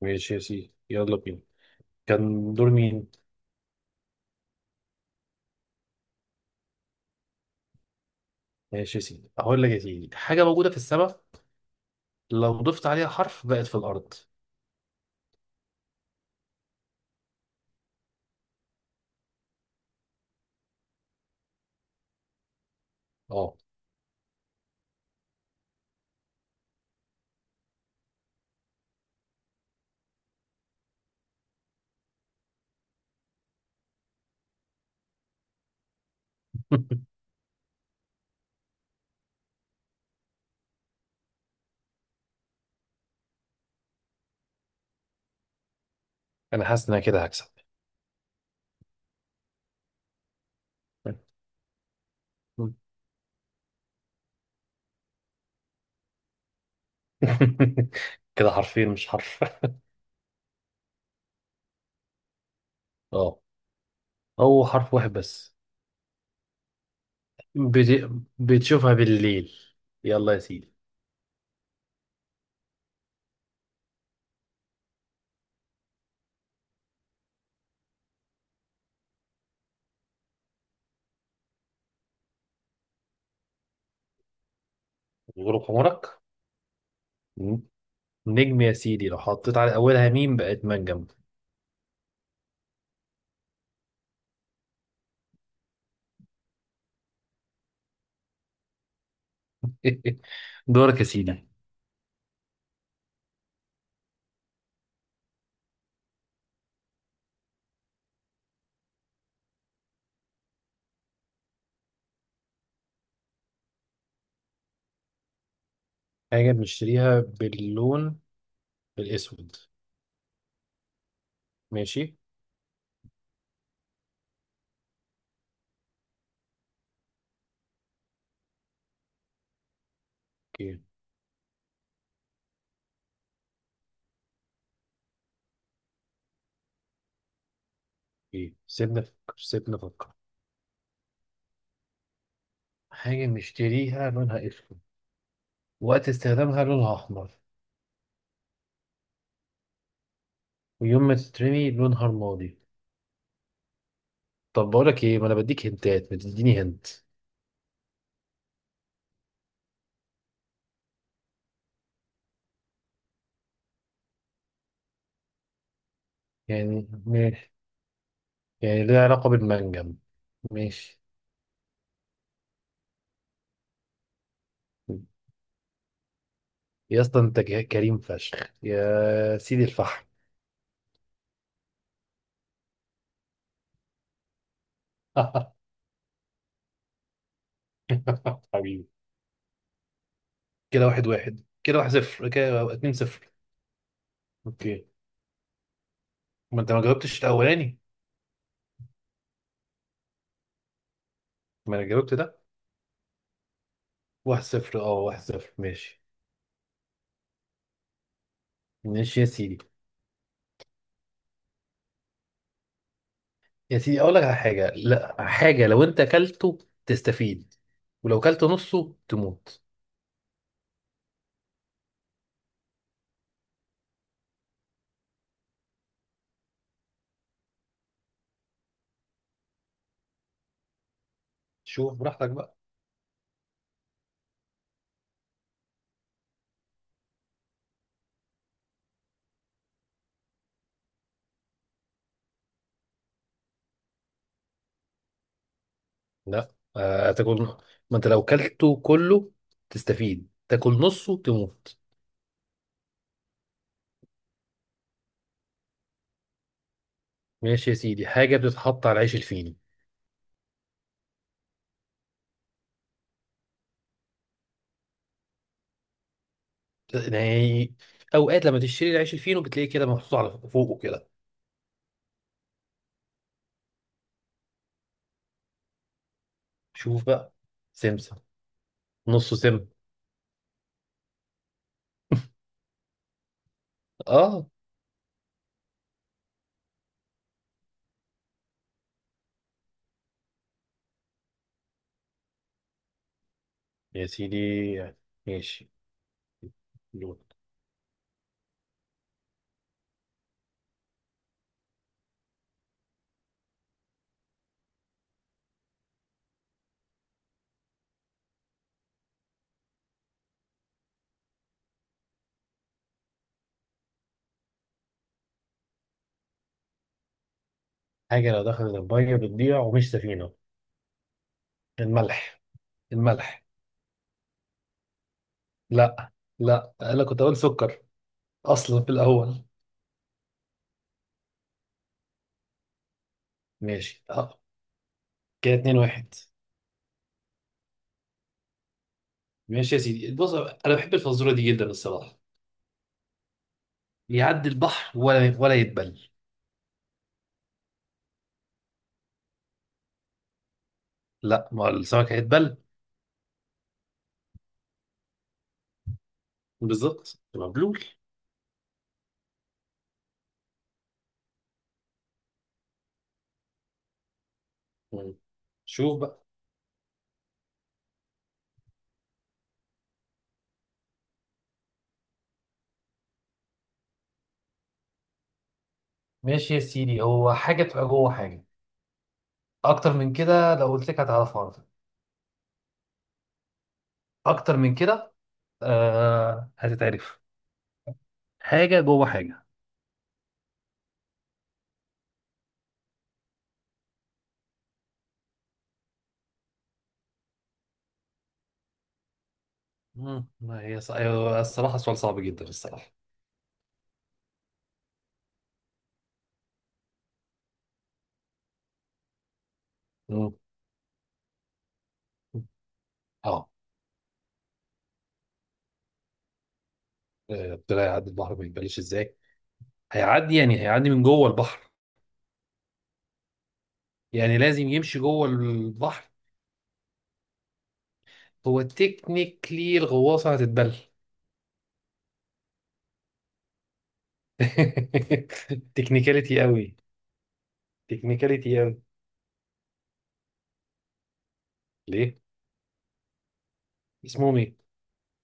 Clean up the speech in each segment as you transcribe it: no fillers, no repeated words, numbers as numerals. ماشي يا سيدي، يلا بينا. كان دور مين؟ ماشي يا سيدي، هقول لك يا سيدي حاجة موجودة في السماء لو ضفت عليها حرف بقت في الأرض. اه. أنا حاسس إن أنا كده هكسب. كده حرفين مش حرف. اه، هو حرف واحد بس. بت... بتشوفها بالليل. يلا يا سيدي. غروب حمرك. مم. نجم يا سيدي، لو حطيت على أولها ميم بقت منجم. دورك يا سيدي. حاجة بنشتريها باللون الأسود. ماشي. ايه، سيبنا نفكر، سيبنا نفكر. حاجة بنشتريها لونها اسود، وقت استخدامها لونها احمر، ويوم ما تترمي لونها رمادي. طب بقولك ايه، ما انا بديك هنتات ما تديني هنت. يعني ماشي. يعني ليها علاقة بالمنجم. ماشي. يا اسطى، انت كريم فشخ يا سيدي الفحم. حبيبي. كده واحد واحد، كده واحد صفر، كده اتنين صفر. اوكي، ما انت ما جاوبتش الاولاني. ما انا جاوبت ده. واحد صفر، اه واحد صفر ماشي. ماشي يا سيدي. يا سيدي، اقول لك على حاجه. لا، حاجه لو انت اكلته تستفيد، ولو اكلته نصه تموت. شوف براحتك بقى. لا، آه، تاكل. ما انت لو اكلته كله تستفيد، تاكل نصه تموت. ماشي يا سيدي. حاجه بتتحط على العيش الفينو. يعني اوقات لما تشتري العيش الفينو بتلاقيه كده محطوط على فوقه كده. شوف بقى. سمسم. نصه سم. اه. يا سيدي ماشي. حاجه لو دخلت الميه بتضيع ومش سفينه. الملح. الملح. لا، لا انا كنت اقول سكر اصلا في الاول. ماشي. اه، كده اتنين واحد. ماشي يا سيدي، بص انا بحب الفزوره دي جدا الصراحه. يعدي البحر ولا يتبل. لا، ما هو السمك هيتبل بالظبط، مبلول. مم. شوف بقى. ماشي يا سيدي. هو حاجه تبقى جوه حاجه. اكتر من كده لو قلت لك هتعرفها على طول. اكتر من كده. آه، هتتعرف. حاجه جوه حاجه. ما هي أيوة، الصراحه سؤال صعب جدا الصراحه. مم. اه. آه، طلع يعدي البحر ما يبانش ازاي. هيعدي، يعني هيعدي من جوه البحر، يعني لازم يمشي جوه البحر. هو تكنيكلي الغواصه هتتبل. تكنيكاليتي قوي. تكنيكاليتي قوي. ليه؟ اسمهم ايه؟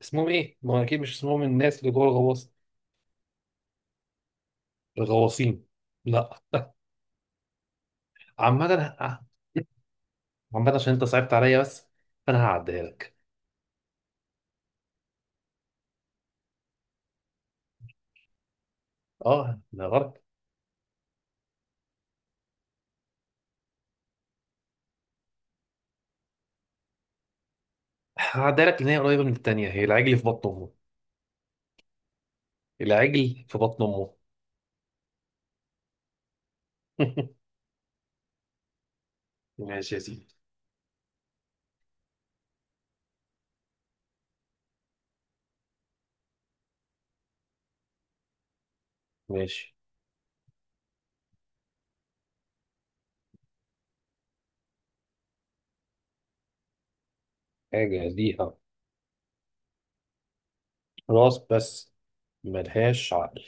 اسمهم ايه؟ ما هو اكيد مش اسمهم الناس اللي جوه الغواصه. الغواصين؟ لا. عامه، عامه عشان انت صعبت عليا بس فانا هعديها لك. اه ده غلط. هعديها لك لان هي قريبه من التانيه. هي العجل في بطن امه. العجل في بطن امه. ماشي يا سيدي. ماشي. حاجة ليها راس بس ملهاش عقل.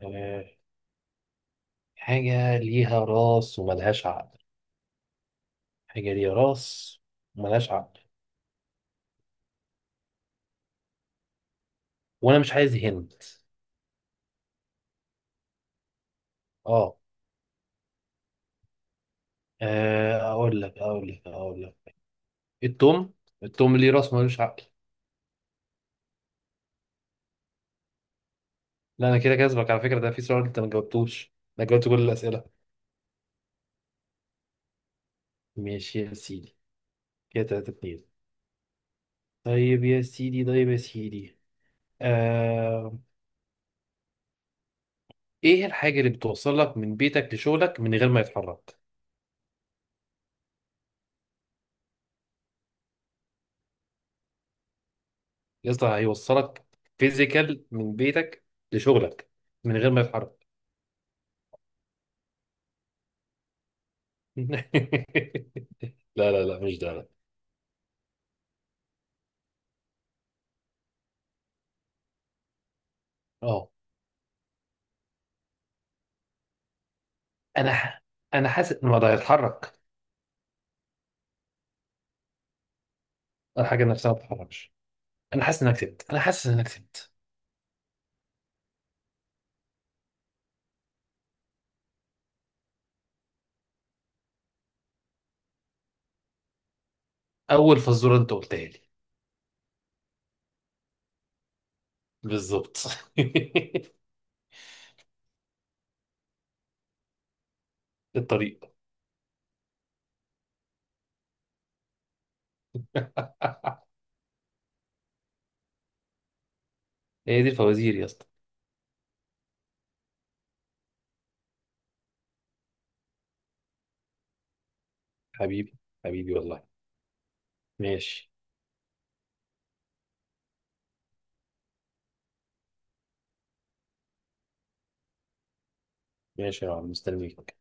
ملهاش- حاجة ليها راس وملهاش عقل. حاجة ليها راس وملهاش عقل. وأنا مش عايز هند. اه. آه، أقول لك أقول لك أقول لك. التوم. التوم ليه راس ملوش عقل. لا، أنا كده كسبك على فكرة، ده في سؤال أنت ما جاوبتوش. أنا جاوبت كل الأسئلة. ماشي يا سيدي. كده تلاتة اتنين. طيب يا سيدي، طيب يا سيدي. آه... إيه الحاجة اللي بتوصلك من بيتك لشغلك من غير ما يتحرك؟ يا اسطى، هيوصلك فيزيكال من بيتك لشغلك من غير ما يتحرك. لا لا لا، مش ده، لا. اه. انا ح... انا حاسس ان ما ده يتحرك. الحاجه نفسها ما بتتحركش. انا حاسس انك كسبت، انا حاسس انك كسبت. اول فزوره انت قلتها لي. بالظبط. الطريق. هي دي الفوازير يا اسطى. حبيبي، حبيبي والله. ماشي. ماشي يا عم، مستنيك.